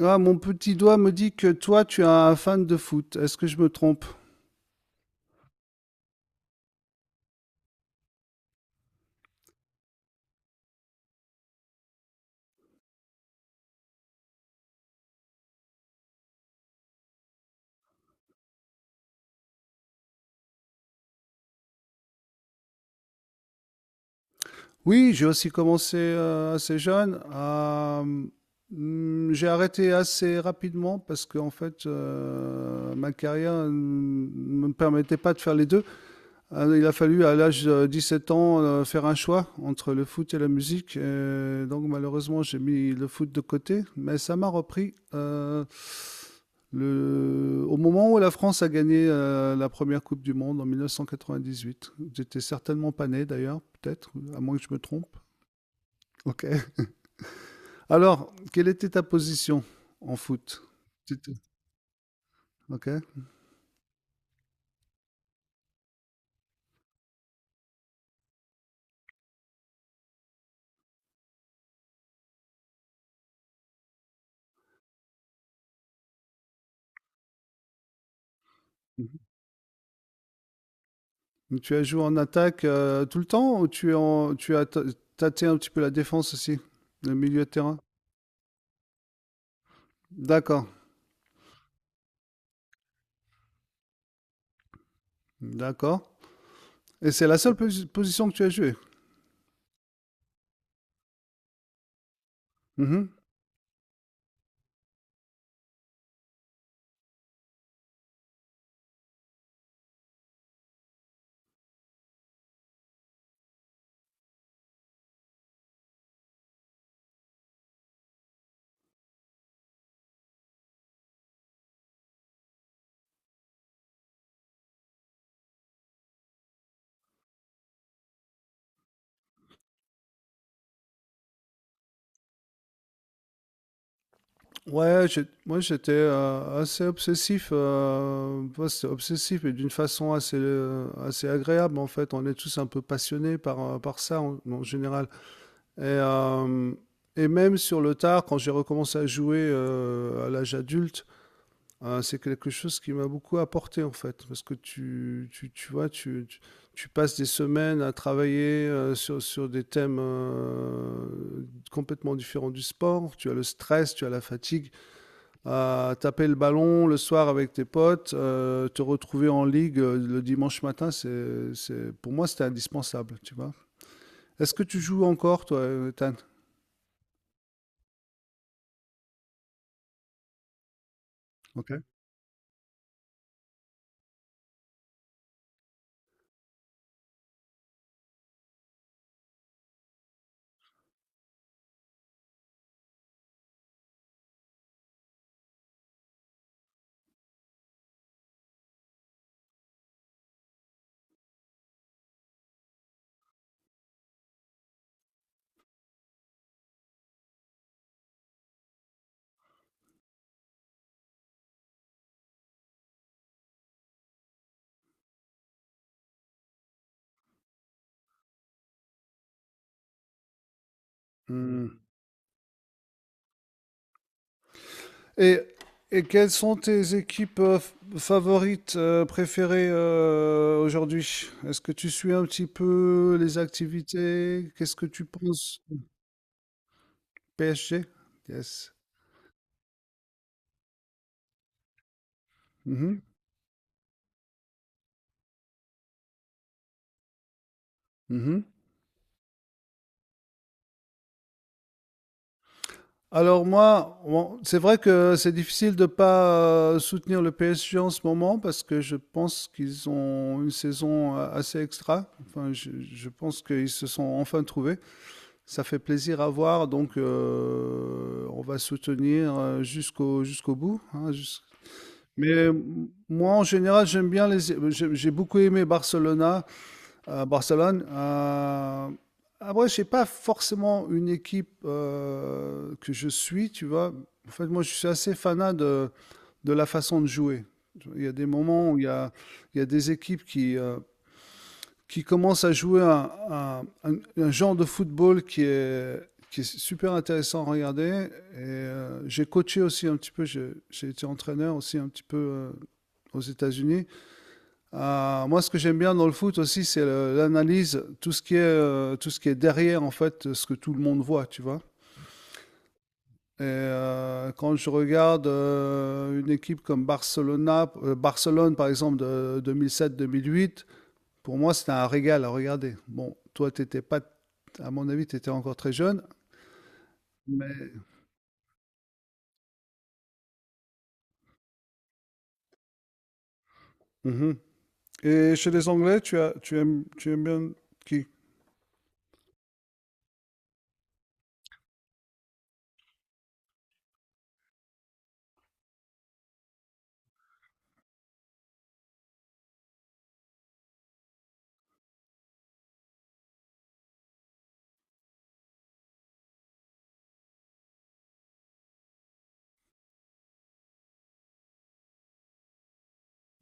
Ah, mon petit doigt me dit que toi, tu es un fan de foot. Est-ce que je me trompe? Oui, j'ai aussi commencé assez jeune. J'ai arrêté assez rapidement parce que en fait, ma carrière ne me permettait pas de faire les deux. Il a fallu à l'âge de 7 ans faire un choix entre le foot et la musique. Et donc malheureusement j'ai mis le foot de côté, mais ça m'a repris. Au moment où la France a gagné la première Coupe du Monde en 1998, j'étais certainement pas né d'ailleurs, peut-être, à moins que je me trompe. Ok. Alors, quelle était ta position en foot? C'était- Ok. Donc, tu as joué en attaque tout le temps ou tu, es en, tu as ta- tâté un petit peu la défense aussi, le milieu de terrain? D'accord, d'accord. Et c'est la seule position que tu as jouée? Mhm. Ouais, moi j'étais assez obsessif, ouais, c'est obsessif et d'une façon assez agréable en fait. On est tous un peu passionnés par, par ça en général. Et, euh, et même sur le tard, quand j'ai recommencé à jouer à l'âge adulte, c'est quelque chose qui m'a beaucoup apporté en fait, parce que tu vois, tu passes des semaines à travailler sur des thèmes complètement différents du sport, tu as le stress, tu as la fatigue, à taper le ballon le soir avec tes potes, te retrouver en ligue le dimanche matin, pour moi c'était indispensable, tu vois. Est-ce que tu joues encore toi, Ethan? Ok. Et, et quelles sont tes équipes favorites, préférées aujourd'hui? Est-ce que tu suis un petit peu les activités? Qu'est-ce que tu penses du PSG? Yes. Mhm, mhm. Alors moi, bon, c'est vrai que c'est difficile de pas soutenir le PSG en ce moment parce que je pense qu'ils ont une saison assez extra. Enfin, je pense qu'ils se sont enfin trouvés. Ça fait plaisir à voir, donc on va soutenir jusqu'au bout, hein. Mais moi, en général, j'aime bien les. J'ai beaucoup aimé Barcelona, Barcelone. Après, j'ai pas forcément une équipe que je suis, tu vois. En fait, moi, je suis assez fanat de la façon de jouer. Il y a des moments où il y a des équipes qui commence à jouer un genre de football qui est super intéressant à regarder. Et j'ai coaché aussi un petit peu, j'ai été entraîneur aussi un petit peu aux États-Unis. Moi, ce que j'aime bien dans le foot aussi, c'est l'analyse, tout ce qui est, tout ce qui est derrière, en fait, ce que tout le monde voit, tu vois. Et quand je regarde une équipe comme Barcelona, Barcelone, par exemple, de 2007-2008, pour moi, c'était un régal à regarder. Bon, toi, t'étais pas, à mon avis, tu étais encore très jeune, mais. Mhm. Et chez les Anglais, tu aimes bien qui?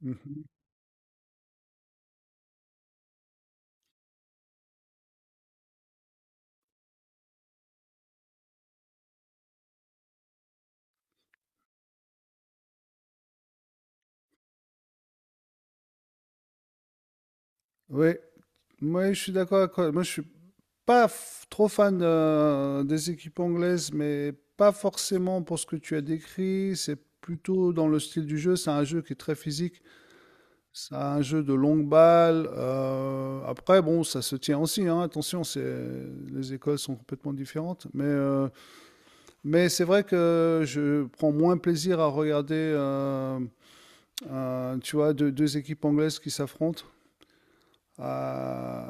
Mhm. Oui, moi, je suis d'accord avec toi. Moi, je suis pas trop fan des équipes anglaises, mais pas forcément pour ce que tu as décrit. C'est plutôt dans le style du jeu. C'est un jeu qui est très physique. C'est un jeu de longue balle. Après, bon, ça se tient aussi, hein. Attention, c'est les écoles sont complètement différentes, mais c'est vrai que je prends moins plaisir à regarder, tu vois, deux équipes anglaises qui s'affrontent. Euh,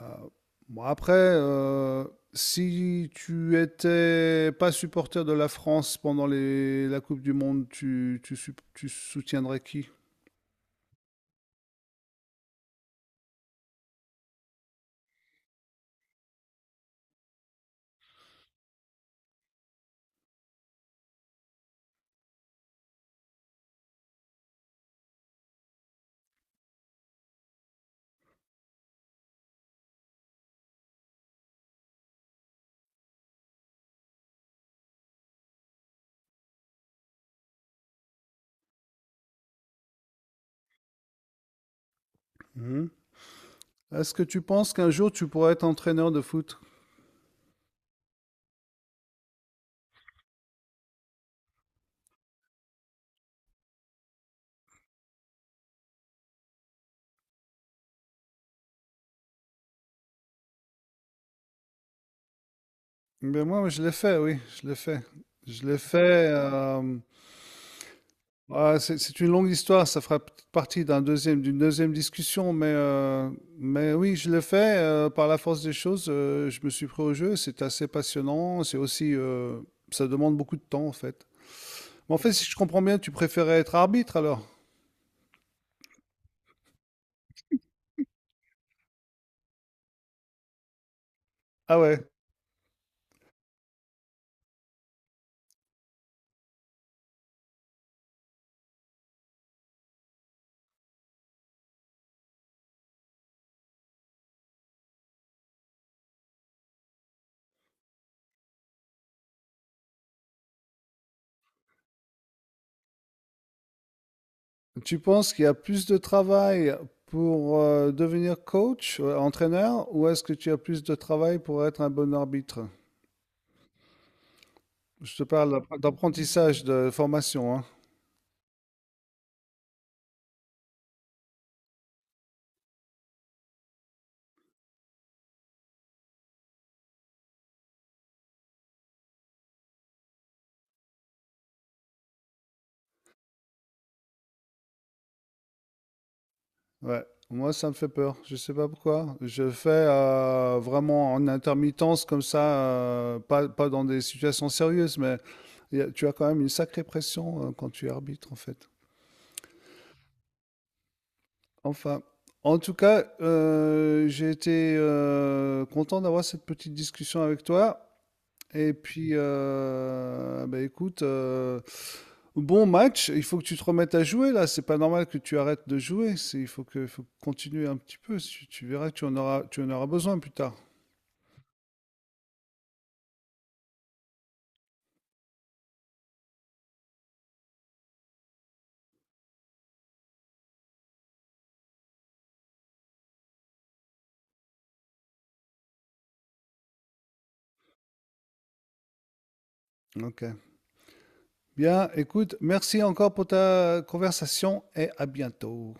bon, après, euh, Si tu étais pas supporter de la France pendant la Coupe du Monde, tu soutiendrais qui? Mhm. Est-ce que tu penses qu'un jour tu pourrais être entraîneur de foot? Ben moi, je l'ai fait, oui, je l'ai fait. Je l'ai fait. Ouais, c'est une longue histoire, ça fera peut-être partie d'un deuxième, d'une deuxième discussion, mais oui, je l'ai fait par la force des choses. Je me suis pris au jeu, c'est assez passionnant, c'est aussi, ça demande beaucoup de temps en fait. Mais en fait, si je comprends bien, tu préférais être arbitre alors? Ah ouais, tu penses qu'il y a plus de travail pour devenir coach, entraîneur, ou est-ce que tu as plus de travail pour être un bon arbitre? Je te parle d'apprentissage, de formation, hein. Ouais, moi ça me fait peur. Je sais pas pourquoi. Je fais vraiment en intermittence comme ça, pas dans des situations sérieuses, mais tu as quand même une sacrée pression quand tu arbitres en fait. Enfin, en tout cas, j'ai été content d'avoir cette petite discussion avec toi. Et puis, bah écoute, bon match. Il faut que tu te remettes à jouer là. C'est pas normal que tu arrêtes de jouer. Il faut faut continuer un petit peu. Tu verras, tu en auras besoin plus tard. Ok. Bien, écoute, merci encore pour ta conversation et à bientôt.